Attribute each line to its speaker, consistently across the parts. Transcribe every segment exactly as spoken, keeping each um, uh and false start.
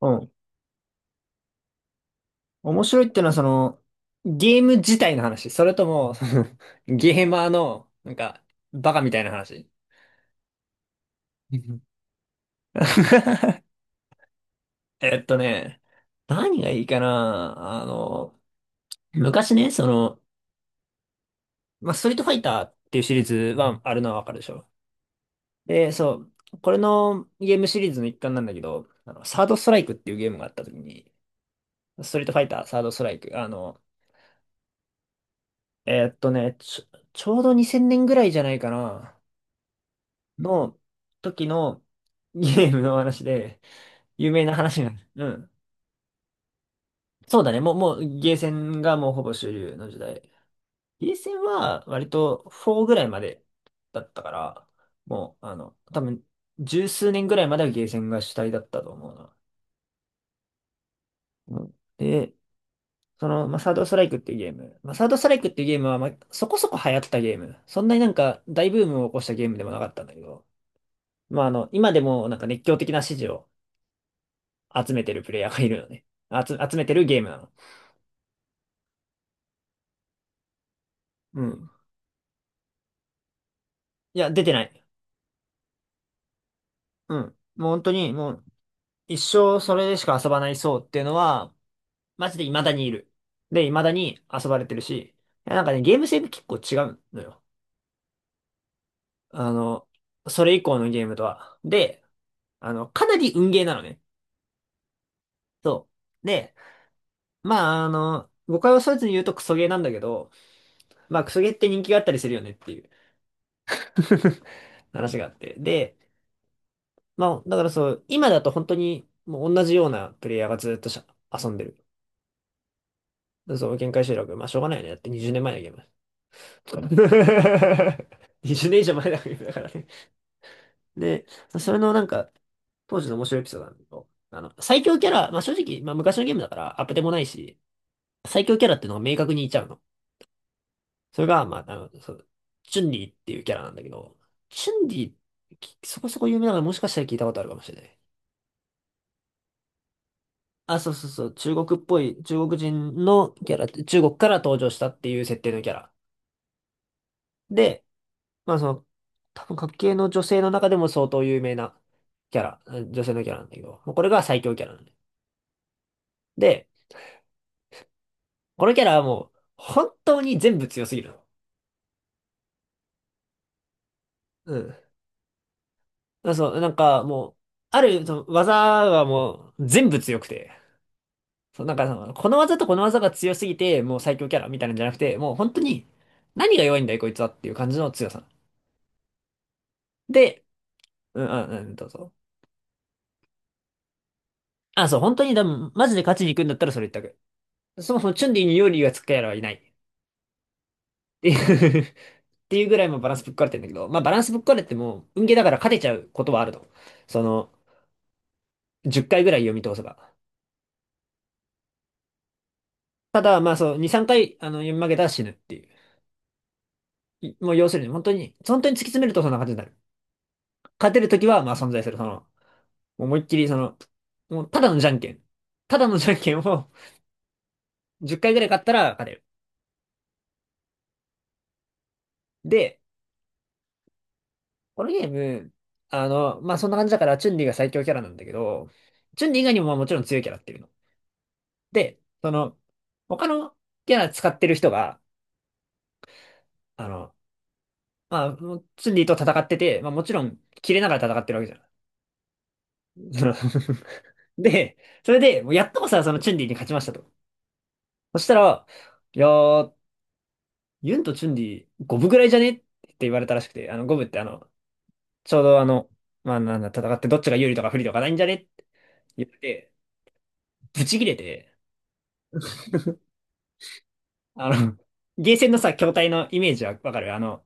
Speaker 1: うん。面白いってのは、その、ゲーム自体の話。それとも、そのゲーマーの、なんか、バカみたいな話。うん えっとね、何がいいかな。あの、昔ね、その、まあ、ストリートファイターっていうシリーズはあるのはわかるでしょ。で、そう、これのゲームシリーズの一環なんだけど、あの、サードストライクっていうゲームがあった時に、ストリートファイター、サードストライク、あの、えっとね、ちょ、ちょうどにせんねんぐらいじゃないかな。の時のゲームの話で、有名な話なんです。うん。そうだね。もう、もう、ゲーセンがもうほぼ主流の時代。ゲーセンは割とよんぐらいまでだったから、もう、あの、多分、十数年ぐらいまではゲーセンが主体だったと思うな。うん。で、その、まあ、サードストライクっていうゲーム。まあ、サードストライクっていうゲームは、まあ、そこそこ流行ったゲーム。そんなになんか大ブームを起こしたゲームでもなかったんだけど、まあ、あの、今でもなんか熱狂的な支持を集めてるプレイヤーがいるのね。あつ、集めてるゲームなの。うん。いや、出てない。うん。もう本当に、もう、一生それでしか遊ばない層っていうのは、マジで未だにいる。で、未だに遊ばれてるし、いやなんかね、ゲーム性って結構違うのよ。あの、それ以降のゲームとは。で、あの、かなり運ゲーなのね。そう。で、まあ、あの、誤解を恐れずに言うとクソゲーなんだけど、まあ、クソゲーって人気があったりするよねっていう 話があって。で、まあ、だからそう、今だと本当にもう同じようなプレイヤーがずっとしゃ遊んでる。そう、限界集落。まあ、しょうがないよね。だってにじゅうねんまえのゲーム。にじゅうねん以上前のゲームだからね。で、それのなんか、当時の面白いエピソードなんだけど、あの、最強キャラ、まあ正直、まあ昔のゲームだからアップでもないし、最強キャラっていうのが明確にいちゃうの。それが、まあ、あの、そう、チュンリーっていうキャラなんだけど、チュンリー、きそこそこ有名だからもしかしたら聞いたことあるかもしれない。あ、そうそうそう、中国っぽい、中国人のキャラ中国から登場したっていう設定のキャラ。で、まあその、多分、各系の女性の中でも相当有名なキャラ、うん女性のキャラなんだけど、もうこれが最強キャラなんで。で、このキャラはもう、本当に全部強すぎるの。うん。まあそう、なんかもう、ある、その技はもう、全部強くて、そう、なんかその、この技とこの技が強すぎて、もう最強キャラみたいなんじゃなくて、もう本当に、何が弱いんだい、こいつはっていう感じの強さ。でうん、あうん、どうぞ。あ、そう、本当に、でも、マジで勝ちに行くんだったらそれ一択。そもそもチュンリーにヨリーがつくやらはいない。っていう っていうぐらいもバランスぶっ壊れてんだけど、まあバランスぶっ壊れても、運ゲーだから勝てちゃうことはあると。その、じゅっかいぐらい読み通せば。ただ、まあそう、に、さんかい、あの、読み負けたら死ぬっていう。いもう要するに、本当に、本当に突き詰めるとそんな感じになる。勝てるときは、まあ存在する。その、もう思いっきり、その、もうただのじゃんけん。ただのじゃんけんをじゅっかいぐらい勝ったら勝てる。で、このゲーム、あの、まあ、そんな感じだから、チュンリーが最強キャラなんだけど、チュンリー以外にもまあもちろん強いキャラっていうの。で、その、他のキャラ使ってる人が、あの、まあ、チュンリーと戦ってて、まあ、もちろん、切れながら戦ってるわけじゃん。その で、それで、もうやっとこさ、そのチュンリーに勝ちましたと。そしたら、いやー、ユンとチュンリー、五分ぐらいじゃねって言われたらしくて、あの、五分ってあの、ちょうどあの、まあ、なんだ、戦ってどっちが有利とか不利とかないんじゃねって言って、ブチ切れて、あうの、ん。ゲーセンのさ、筐体のイメージはわかるあの、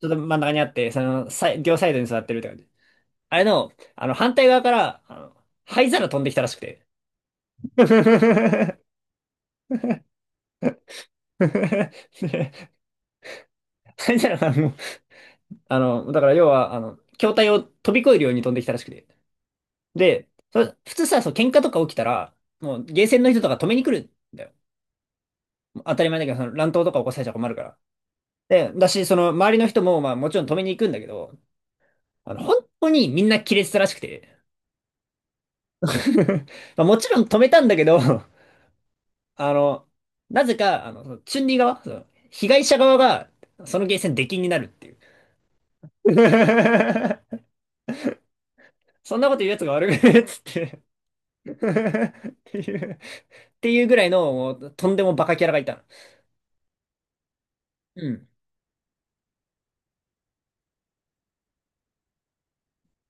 Speaker 1: ちょっと真ん中にあって、その、さい両サイドに座ってるって感じ。あれの、あの、反対側から、あの、灰皿飛んできたらしくて。灰皿がもう、あの、だから要は、あの、筐体を飛び越えるように飛んできたらしくて。で、そ普通さ、そう、喧嘩とか起きたら、もう、ゲーセンの人とか止めに来るんだよ。当たり前だけど、その乱闘とか起こされちゃ困るから。で、だし、その、周りの人も、まあ、もちろん止めに行くんだけど、あの、本当にみんな亀裂したらしくて。まあ、もちろん止めたんだけど、あの、なぜか、あの、そのチュンリー側、その被害者側が、そのゲーセン出禁になるっていう。そんなこと言うやつが悪いっつって っていう、っていうぐらいの、もう、とんでもバカキャラがいたの。うん。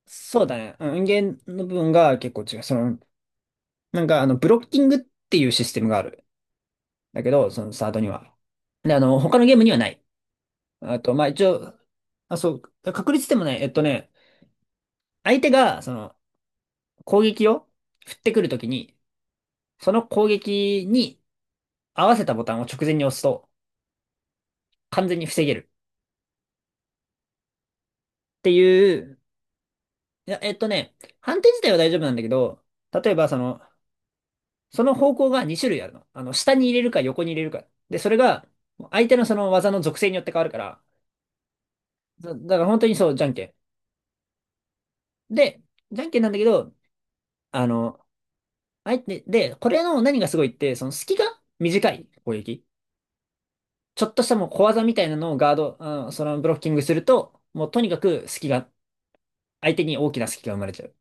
Speaker 1: そうだね。うん音源の部分が結構違う。その、なんか、あの、ブロッキングっていうシステムがある。だけど、そのサードには。で、あの、他のゲームにはない。あと、まあ、一応、あ、そう、確率でもね、えっとね、相手が、その、攻撃を振ってくるときに、その攻撃に合わせたボタンを直前に押すと完全に防げるっていう、いや、えっとね、判定自体は大丈夫なんだけど、例えばその、その方向がに種類あるの。あの、下に入れるか横に入れるか。で、それが相手のその技の属性によって変わるから、だ、だから本当にそう、じゃんけん。で、じゃんけんなんだけど、あの、相手、で、これの何がすごいって、その隙が短い攻撃。ちょっとしたもう小技みたいなのをガード、うん、そのブロッキングすると、もうとにかく隙が、相手に大きな隙が生まれちゃう。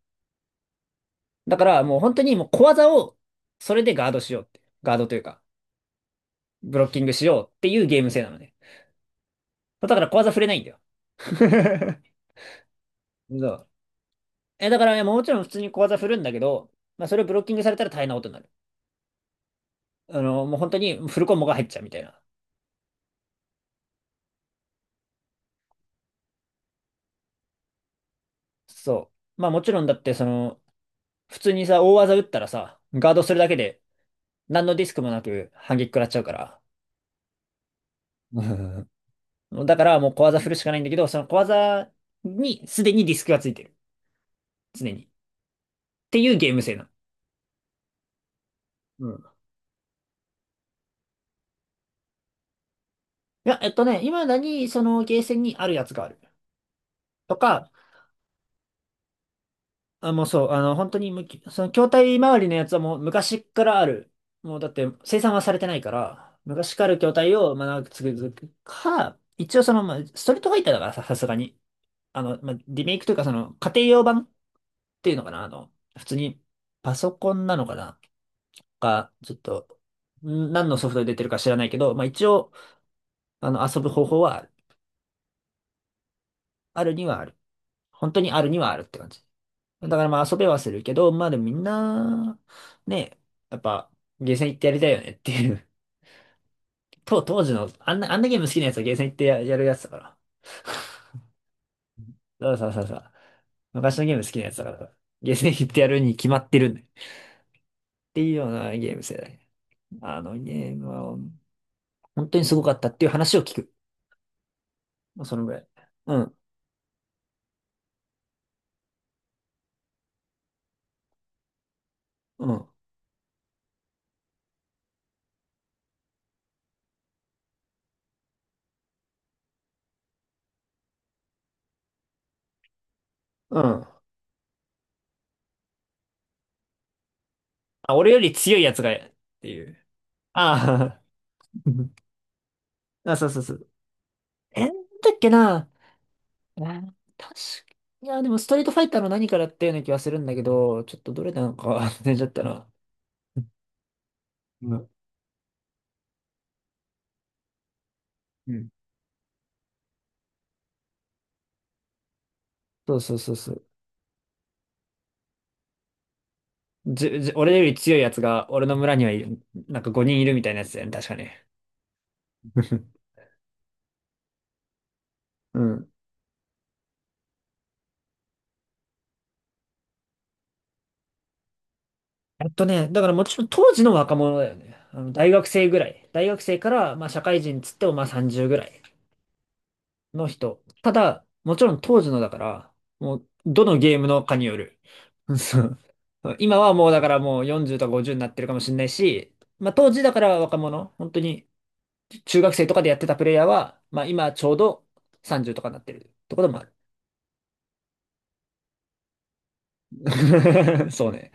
Speaker 1: だからもう本当にもう小技を、それでガードしようって。ガードというか、ブロッキングしようっていうゲーム性なのね。だから小技振れないんだよ。そう。え、だから、いや、もちろん普通に小技振るんだけど、まあそれをブロッキングされたら大変なことになる。あの、もう本当にフルコンボが入っちゃうみたいな。そう。まあもちろんだってその、普通にさ、大技打ったらさ、ガードするだけで、何のディスクもなく反撃食らっちゃうから。うんだからもう小技振るしかないんだけど、その小技にすでにディスクがついてる。常に。っていうゲーム性なの。うんいや、えっとね、今だにそのゲーセンにあるやつがある。とか、あ、もうそう、あの、本当にむき、その筐体周りのやつはもう昔からある。もうだって生産はされてないから、昔からある筐体をまあ長く続くか、一応その、まあ、ストリートファイターだからさ、さすがに。あの、まあ、リメイクというかその家庭用版っていうのかな、あの、普通にパソコンなのかな。か、ちょっと、ん何のソフトで出てるか知らないけど、まあ一応、あの、遊ぶ方法はある。あるにはある。本当にあるにはあるって感じ。だからまあ遊べはするけど、まあでもみんな、ね、やっぱ、ゲーセン行ってやりたいよねっていう。当、当時の、あんな、あんなゲーム好きなやつはゲーセン行ってや、やるやつだから。そうそうそうそう。昔のゲーム好きなやつだから、ゲーセン行ってやるに決まってるんだよ。っていうようなゲーム世代。あのゲームは、本当にすごかったっていう話を聞く。そのぐらい。うん、うん、うん。あ、俺より強いやつが、っていう。ああ、あ、そうそうそう。え、なんだっけな。えー確か、いや、でもストリートファイターの何からっていうような気はするんだけど、ちょっとどれなのか 忘れちゃったな。うん。うんそうそうそうそう。じ、じ、俺より強いやつが、俺の村にはいる、なんかごにんいるみたいなやつだよね、確かね。うん。えっとね、だからもちろん当時の若者だよね。あの、大学生ぐらい。大学生から、まあ社会人つってもまあさんじゅうぐらい。の人。ただ、もちろん当時のだから、もう、どのゲームのかによる。そう今はもうだからもうよんじゅうとかごじゅうになってるかもしれないし、まあ当時だから若者、本当に中学生とかでやってたプレイヤーは、まあ今ちょうどさんじゅうとかになってるってこともある。そうね。